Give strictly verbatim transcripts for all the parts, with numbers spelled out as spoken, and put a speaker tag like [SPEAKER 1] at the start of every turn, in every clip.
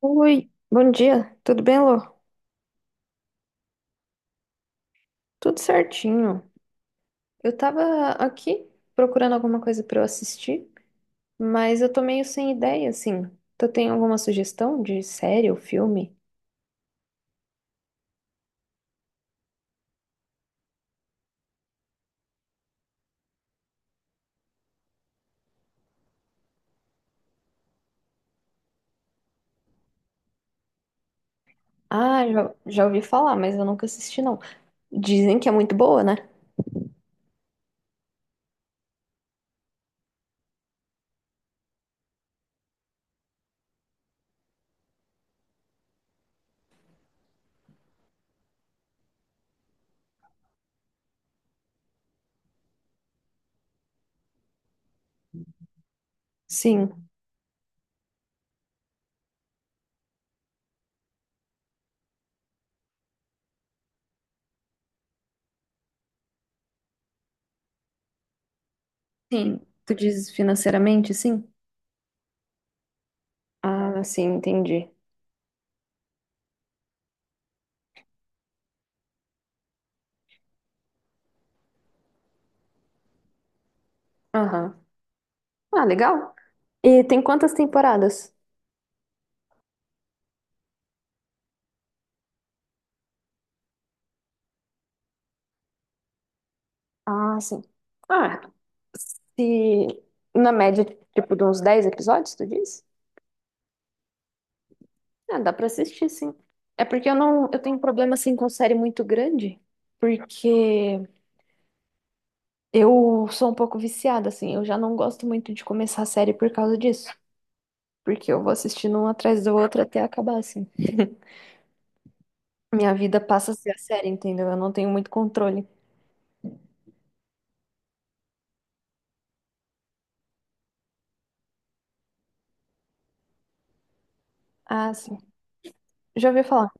[SPEAKER 1] Oi, bom dia, tudo bem, Lô? Tudo certinho. Eu tava aqui procurando alguma coisa pra eu assistir, mas eu tô meio sem ideia, assim. Tu tem alguma sugestão de série ou filme? Ah, já, já ouvi falar, mas eu nunca assisti, não. Dizem que é muito boa, né? Sim, sim. Tu diz financeiramente, sim? Ah, sim, entendi. Aham. Ah, legal. E tem quantas temporadas? Ah, sim. Ah, se na média, tipo, de uns dez episódios, tu diz? Ah, dá pra assistir, sim. É porque eu não, eu tenho um problema assim com série muito grande, porque eu sou um pouco viciada assim, eu já não gosto muito de começar a série por causa disso, porque eu vou assistindo um atrás do outro até acabar assim. Minha vida passa a ser a série, entendeu? Eu não tenho muito controle. Ah, sim. Já ouvi falar.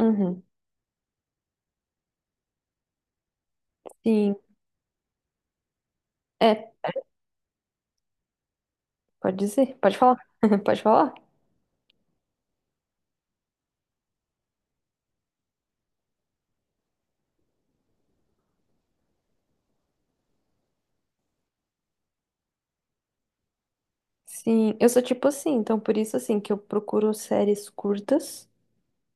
[SPEAKER 1] Uhum. Sim. É, pode dizer, pode falar. Pode falar? Sim, eu sou tipo assim, então por isso assim que eu procuro séries curtas,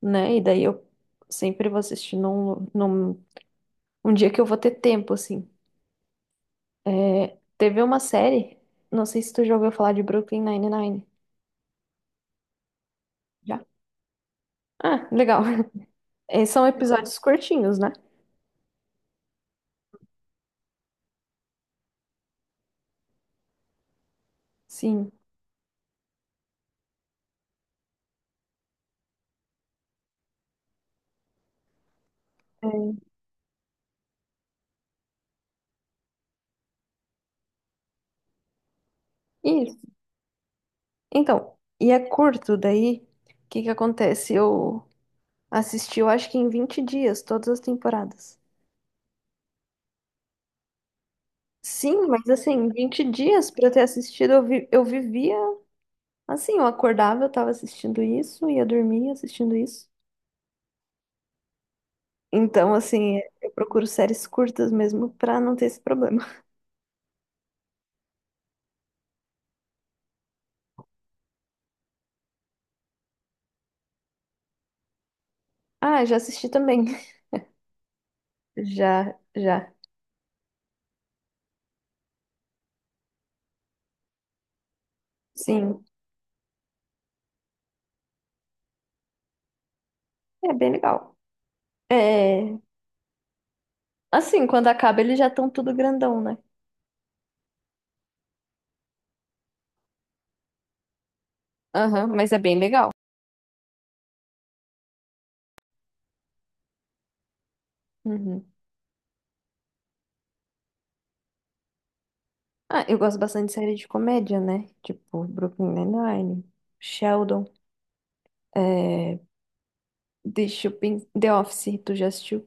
[SPEAKER 1] né? E daí eu sempre vou assistir num, num um dia que eu vou ter tempo, assim. É, teve uma série, não sei se tu já ouviu falar de Brooklyn Nine-Nine. Já? Ah, legal. É, são episódios curtinhos, né? Sim. É, isso. Então, e é curto, daí, o que que acontece? Eu assisti, eu acho que em vinte dias, todas as temporadas. Sim, mas assim, vinte dias pra eu ter assistido, eu, vi- eu vivia assim, eu acordava, eu tava assistindo isso, ia dormir assistindo isso. Então, assim, é, eu procuro séries curtas mesmo pra não ter esse problema. Ah, já assisti também. Já, já. Sim. É bem legal. É. Assim, quando acaba, eles já estão tudo grandão, né? Aham, mas é bem legal. Uhum. Ah, eu gosto bastante de série de comédia, né? Tipo, Brooklyn Nine-Nine, Sheldon, é... The Shopping, The Office, tu já assistiu?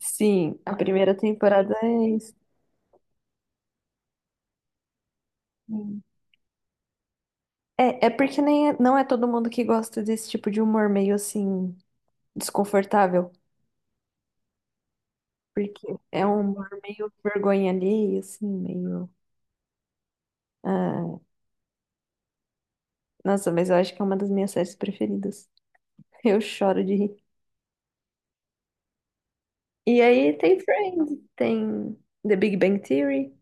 [SPEAKER 1] Sim, a primeira temporada é isso. Sim. É, é porque nem, é, não é todo mundo que gosta desse tipo de humor meio assim, desconfortável. Porque é um humor meio vergonha alheia, assim, meio. Ah, nossa, mas eu acho que é uma das minhas séries preferidas. Eu choro de rir. E aí tem Friends, tem The Big Bang Theory,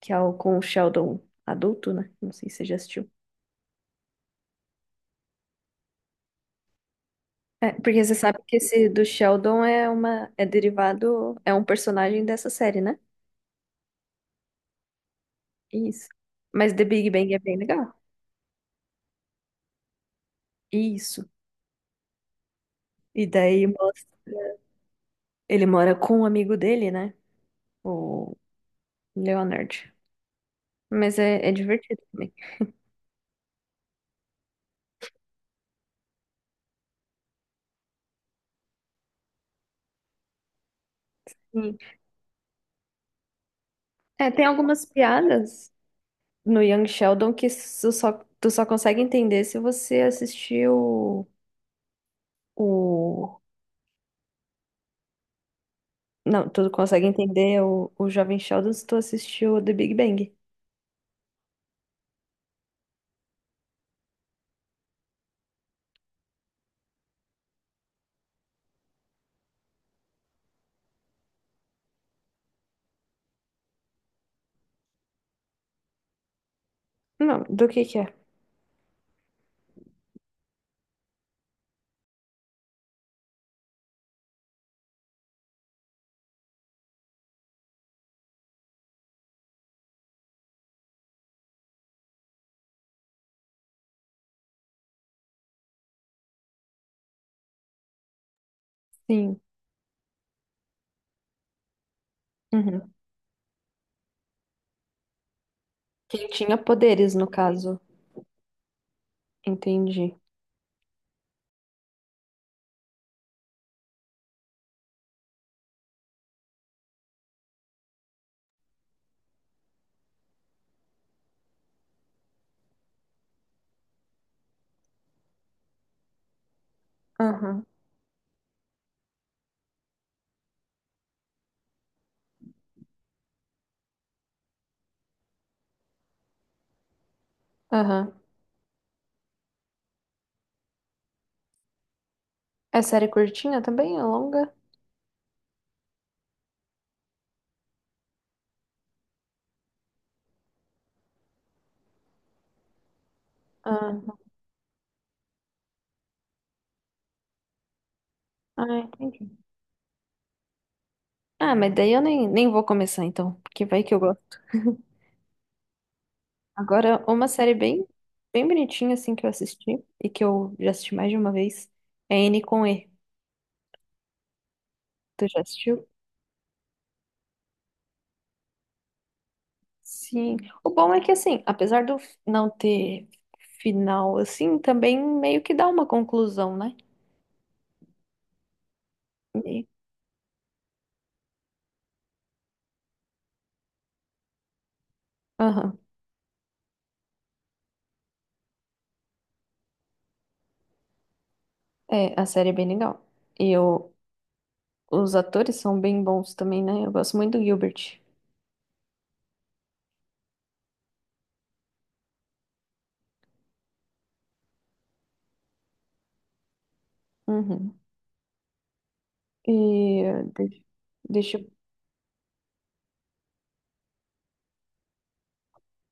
[SPEAKER 1] que é o com o Sheldon adulto, né? Não sei se você já assistiu. É, porque você sabe que esse do Sheldon é uma, é derivado, é um personagem dessa série, né? Isso. Mas The Big Bang é bem legal. Isso. E daí mostra- ele mora com um amigo dele, né? O Leonard. Mas é, é divertido também. Sim. É, tem algumas piadas no Young Sheldon que tu só, tu só consegue entender se você assistir o, o... Não, tu consegue entender o, o Jovem Sheldon se tu assistiu o The Big Bang. Não, do que que é? Sim. Uhum. Quem tinha poderes, no caso. Entendi. Aham, aham. É série curtinha também? É longa? Ah, ah, entendi. Ah, mas daí eu nem, nem vou começar então, porque vai que eu gosto. Agora, uma série bem, bem bonitinha, assim, que eu assisti, e que eu já assisti mais de uma vez, é N com E. Tu já assistiu? Sim. O bom é que, assim, apesar do f- não ter final, assim, também meio que dá uma conclusão, né? E- aham. É, a série é bem legal. E eu, os atores são bem bons também, né? Eu gosto muito do Gilbert. Uhum. E eh, deixa, deixa... eu...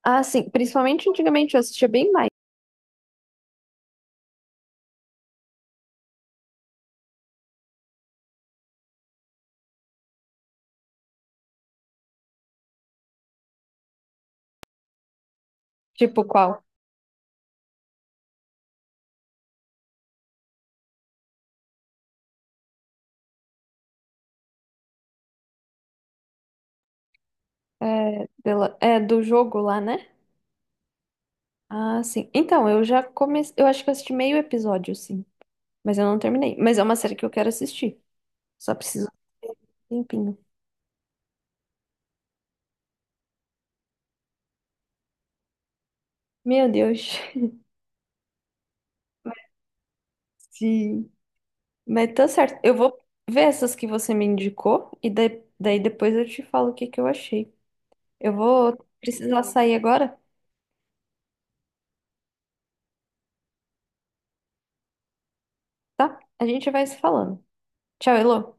[SPEAKER 1] Ah, sim. Principalmente antigamente eu assistia bem mais. Tipo, qual? É, dela- é do jogo lá, né? Ah, sim. Então, eu já comecei. Eu acho que eu assisti meio episódio, sim. Mas eu não terminei. Mas é uma série que eu quero assistir. Só preciso de um tempinho. Meu Deus. Sim. Mas tá certo. Eu vou ver essas que você me indicou. E da- daí depois eu te falo o que que eu achei. Eu vou precisar sair agora, tá? A gente vai se falando. Tchau, Elô.